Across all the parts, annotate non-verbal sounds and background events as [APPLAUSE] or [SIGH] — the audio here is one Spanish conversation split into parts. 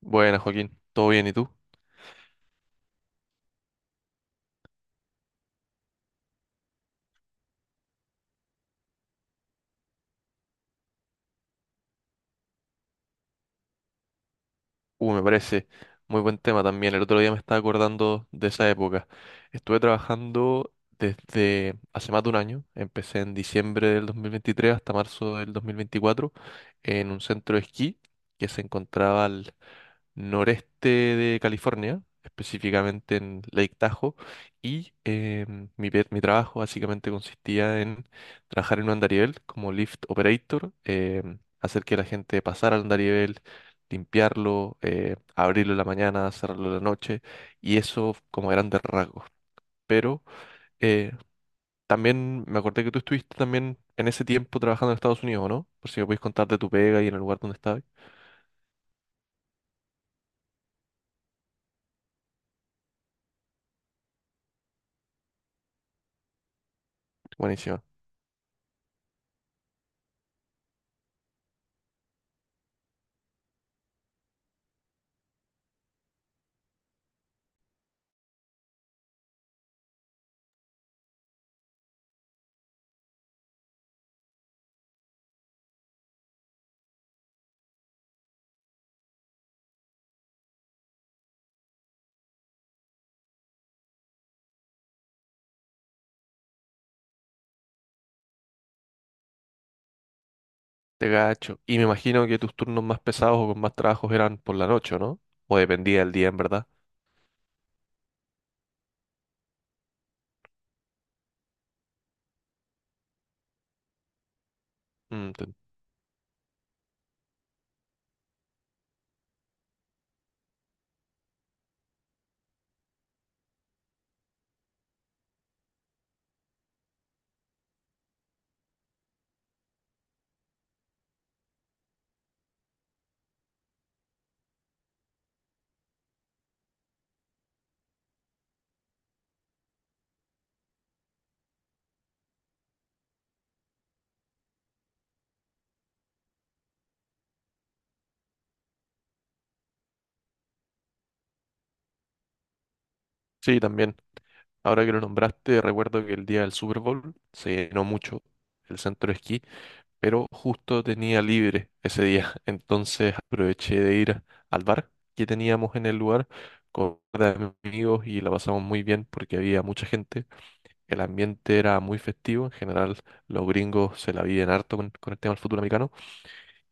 Buenas, Joaquín. ¿Todo bien? ¿Y tú? Me parece muy buen tema también. El otro día me estaba acordando de esa época. Estuve trabajando desde hace más de un año. Empecé en diciembre del 2023 hasta marzo del 2024 en un centro de esquí que se encontraba al noreste de California, específicamente en Lake Tahoe, y mi trabajo básicamente consistía en trabajar en un andarivel como lift operator. Hacer que la gente pasara al andarivel, limpiarlo, abrirlo en la mañana, cerrarlo en la noche, y eso como grandes rasgos. Pero eh, también me acordé que tú estuviste también en ese tiempo trabajando en Estados Unidos, ¿no? Por si me puedes contar de tu pega y en el lugar donde estabas. Buenísimo. Te gacho. Y me imagino que tus turnos más pesados o con más trabajos eran por la noche, ¿o no? O dependía del día, en verdad. Mm. Sí, también. Ahora que lo nombraste, recuerdo que el día del Super Bowl se llenó mucho el centro de esquí, pero justo tenía libre ese día. [LAUGHS] Entonces aproveché de ir al bar que teníamos en el lugar con un par de amigos y la pasamos muy bien porque había mucha gente. El ambiente era muy festivo. En general, los gringos se la viven harto con el tema del fútbol americano.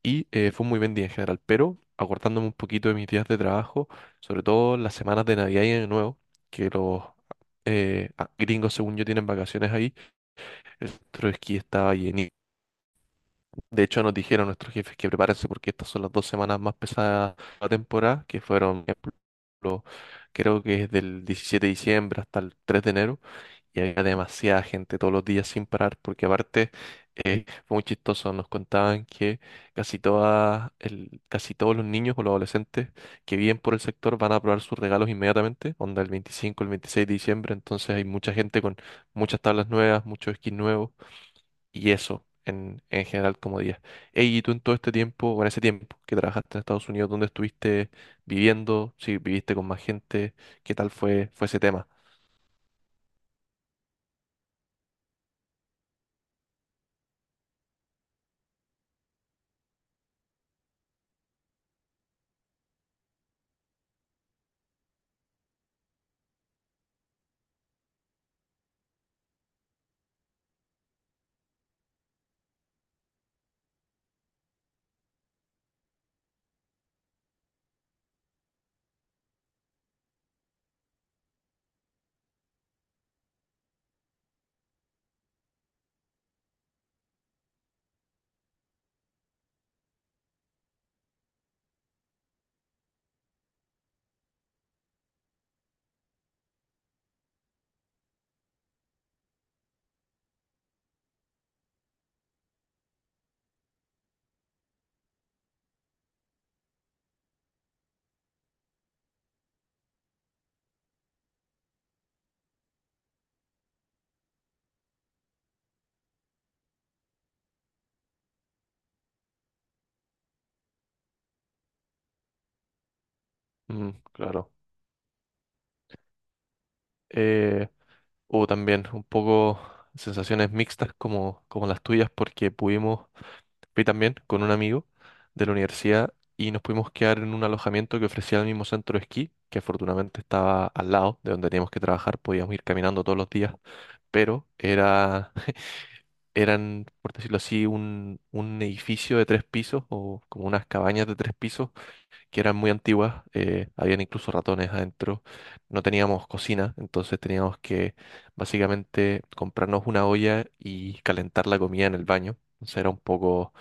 Y fue un muy buen día en general, pero acordándome un poquito de mis días de trabajo, sobre todo las semanas de Navidad y Año Nuevo, que los gringos, según yo, tienen vacaciones ahí, el centro de esquí estaba llenísimo. De hecho, nos dijeron nuestros jefes que prepárense porque estas son las 2 semanas más pesadas de la temporada, que fueron, por ejemplo, creo que es del 17 de diciembre hasta el 3 de enero, y había demasiada gente todos los días sin parar, porque aparte fue muy chistoso, nos contaban que casi todos los niños o los adolescentes que viven por el sector van a probar sus regalos inmediatamente, onda el 25 el 26 de diciembre. Entonces hay mucha gente con muchas tablas nuevas, muchos skins nuevos y eso. En general como día. Ey, ¿y tú en todo este tiempo, o en ese tiempo que trabajaste en Estados Unidos, dónde estuviste viviendo? Si viviste con más gente, ¿qué tal fue, fue ese tema? Mm, claro. Eh, O también un poco sensaciones mixtas, como, como las tuyas, porque fui también con un amigo de la universidad y nos pudimos quedar en un alojamiento que ofrecía el mismo centro de esquí, que afortunadamente estaba al lado de donde teníamos que trabajar, podíamos ir caminando todos los días, pero era, [LAUGHS] eran, por decirlo así, un edificio de tres pisos o como unas cabañas de tres pisos que eran muy antiguas. Habían incluso ratones adentro, no teníamos cocina, entonces teníamos que básicamente comprarnos una olla y calentar la comida en el baño, entonces era un poco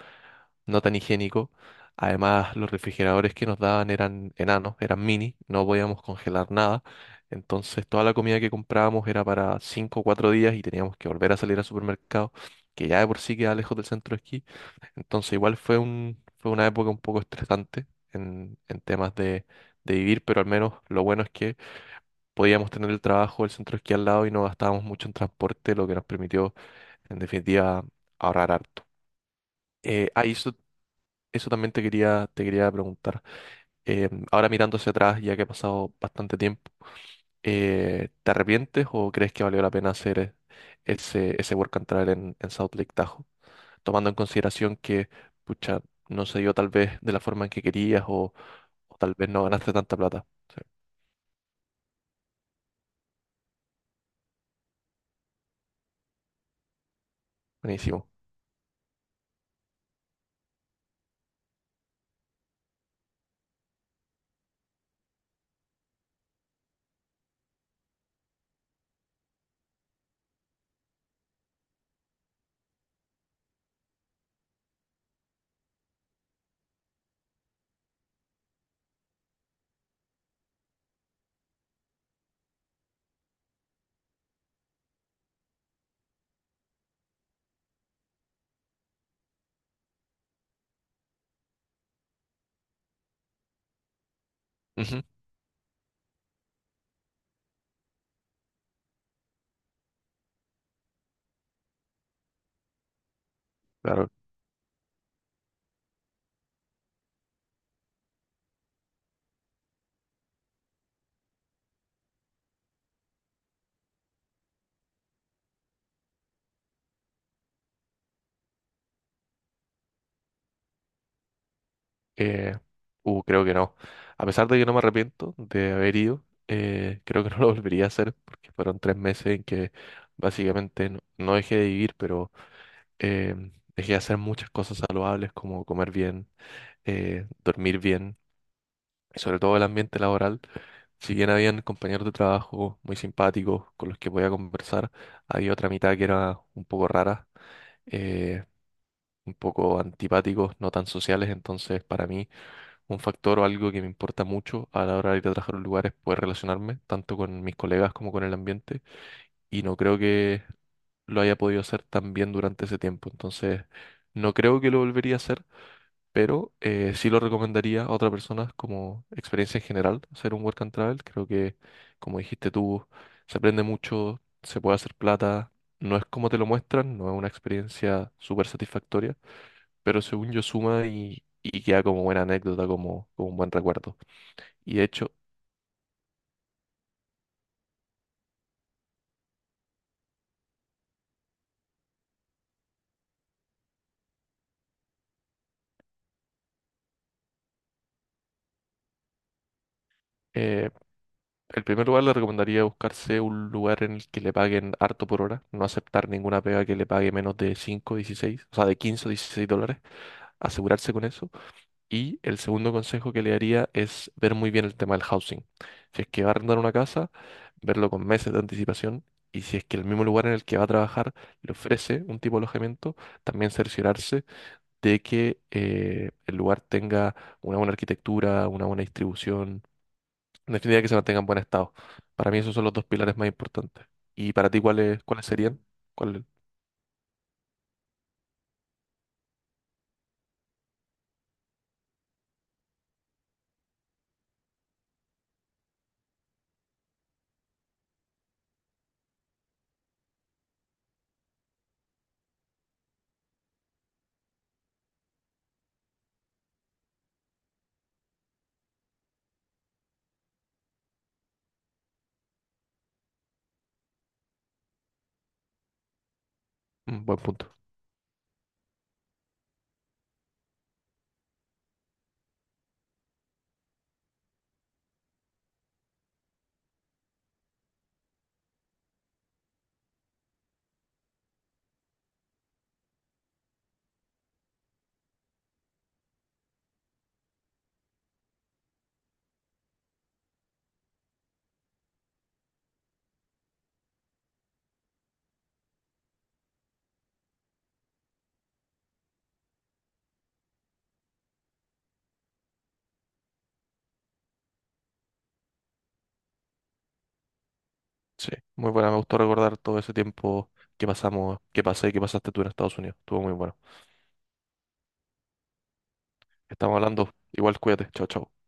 no tan higiénico. Además, los refrigeradores que nos daban eran enanos, eran mini, no podíamos congelar nada. Entonces, toda la comida que comprábamos era para 5 o 4 días y teníamos que volver a salir al supermercado, que ya de por sí queda lejos del centro de esquí. Entonces igual fue una época un poco estresante en temas de vivir, pero al menos lo bueno es que podíamos tener el trabajo, el centro de esquí al lado y no gastábamos mucho en transporte, lo que nos permitió en definitiva ahorrar harto. Y eso también te quería preguntar. Ahora mirando hacia atrás, ya que ha pasado bastante tiempo, ¿te arrepientes o crees que valió la pena hacer ese work and travel en South Lake Tahoe? Tomando en consideración que, pucha, no se dio tal vez de la forma en que querías, o tal vez no ganaste tanta plata. Sí, buenísimo. Ujú, claro. Eh, Creo que no. A pesar de que no me arrepiento de haber ido, creo que [LAUGHS] no lo volvería a hacer porque fueron 3 meses en que básicamente no dejé de vivir, pero eh, dejé de hacer muchas cosas saludables como comer bien, dormir bien, sobre todo el ambiente laboral. Si bien habían compañeros de trabajo muy simpáticos con los que podía conversar, había otra mitad que era un poco rara, eh, un poco antipáticos, no tan sociales. Entonces, para mí, un factor o algo que me importa mucho a la hora de ir a trabajar a un lugar es poder relacionarme tanto con mis colegas como con el ambiente. Y no creo que lo haya podido hacer tan bien durante ese tiempo. Entonces, no creo que lo volvería a hacer, pero sí lo recomendaría a otras personas como experiencia en general, hacer un work and travel. Creo que, como dijiste tú, se aprende mucho, se puede hacer plata, no es como te lo muestran, no es una experiencia súper satisfactoria, pero según yo suma y queda como buena anécdota, como, como un buen recuerdo. Y de hecho, eh, el primer lugar le recomendaría buscarse un lugar en el que le paguen harto por hora, no aceptar ninguna pega que le pague menos de 5 dieciséis, o sea, de 15 o 16 dólares, asegurarse con eso. Y el segundo consejo que le daría es ver muy bien el tema del housing. Si es que va a arrendar una casa, verlo con meses de anticipación. Y si es que el mismo lugar en el que va a trabajar le ofrece un tipo de alojamiento, también cerciorarse de que el lugar tenga una buena arquitectura, una buena distribución, en definitiva que se mantenga en buen estado. Para mí esos son los dos pilares más importantes. ¿Y para ti cuáles serían? ¿Cuál? Mm, buen punto. Sí, muy buena. Me gustó recordar todo ese tiempo que pasamos, que pasé y que pasaste tú en Estados Unidos. Estuvo muy bueno. Estamos hablando. Igual cuídate. Chao, chao.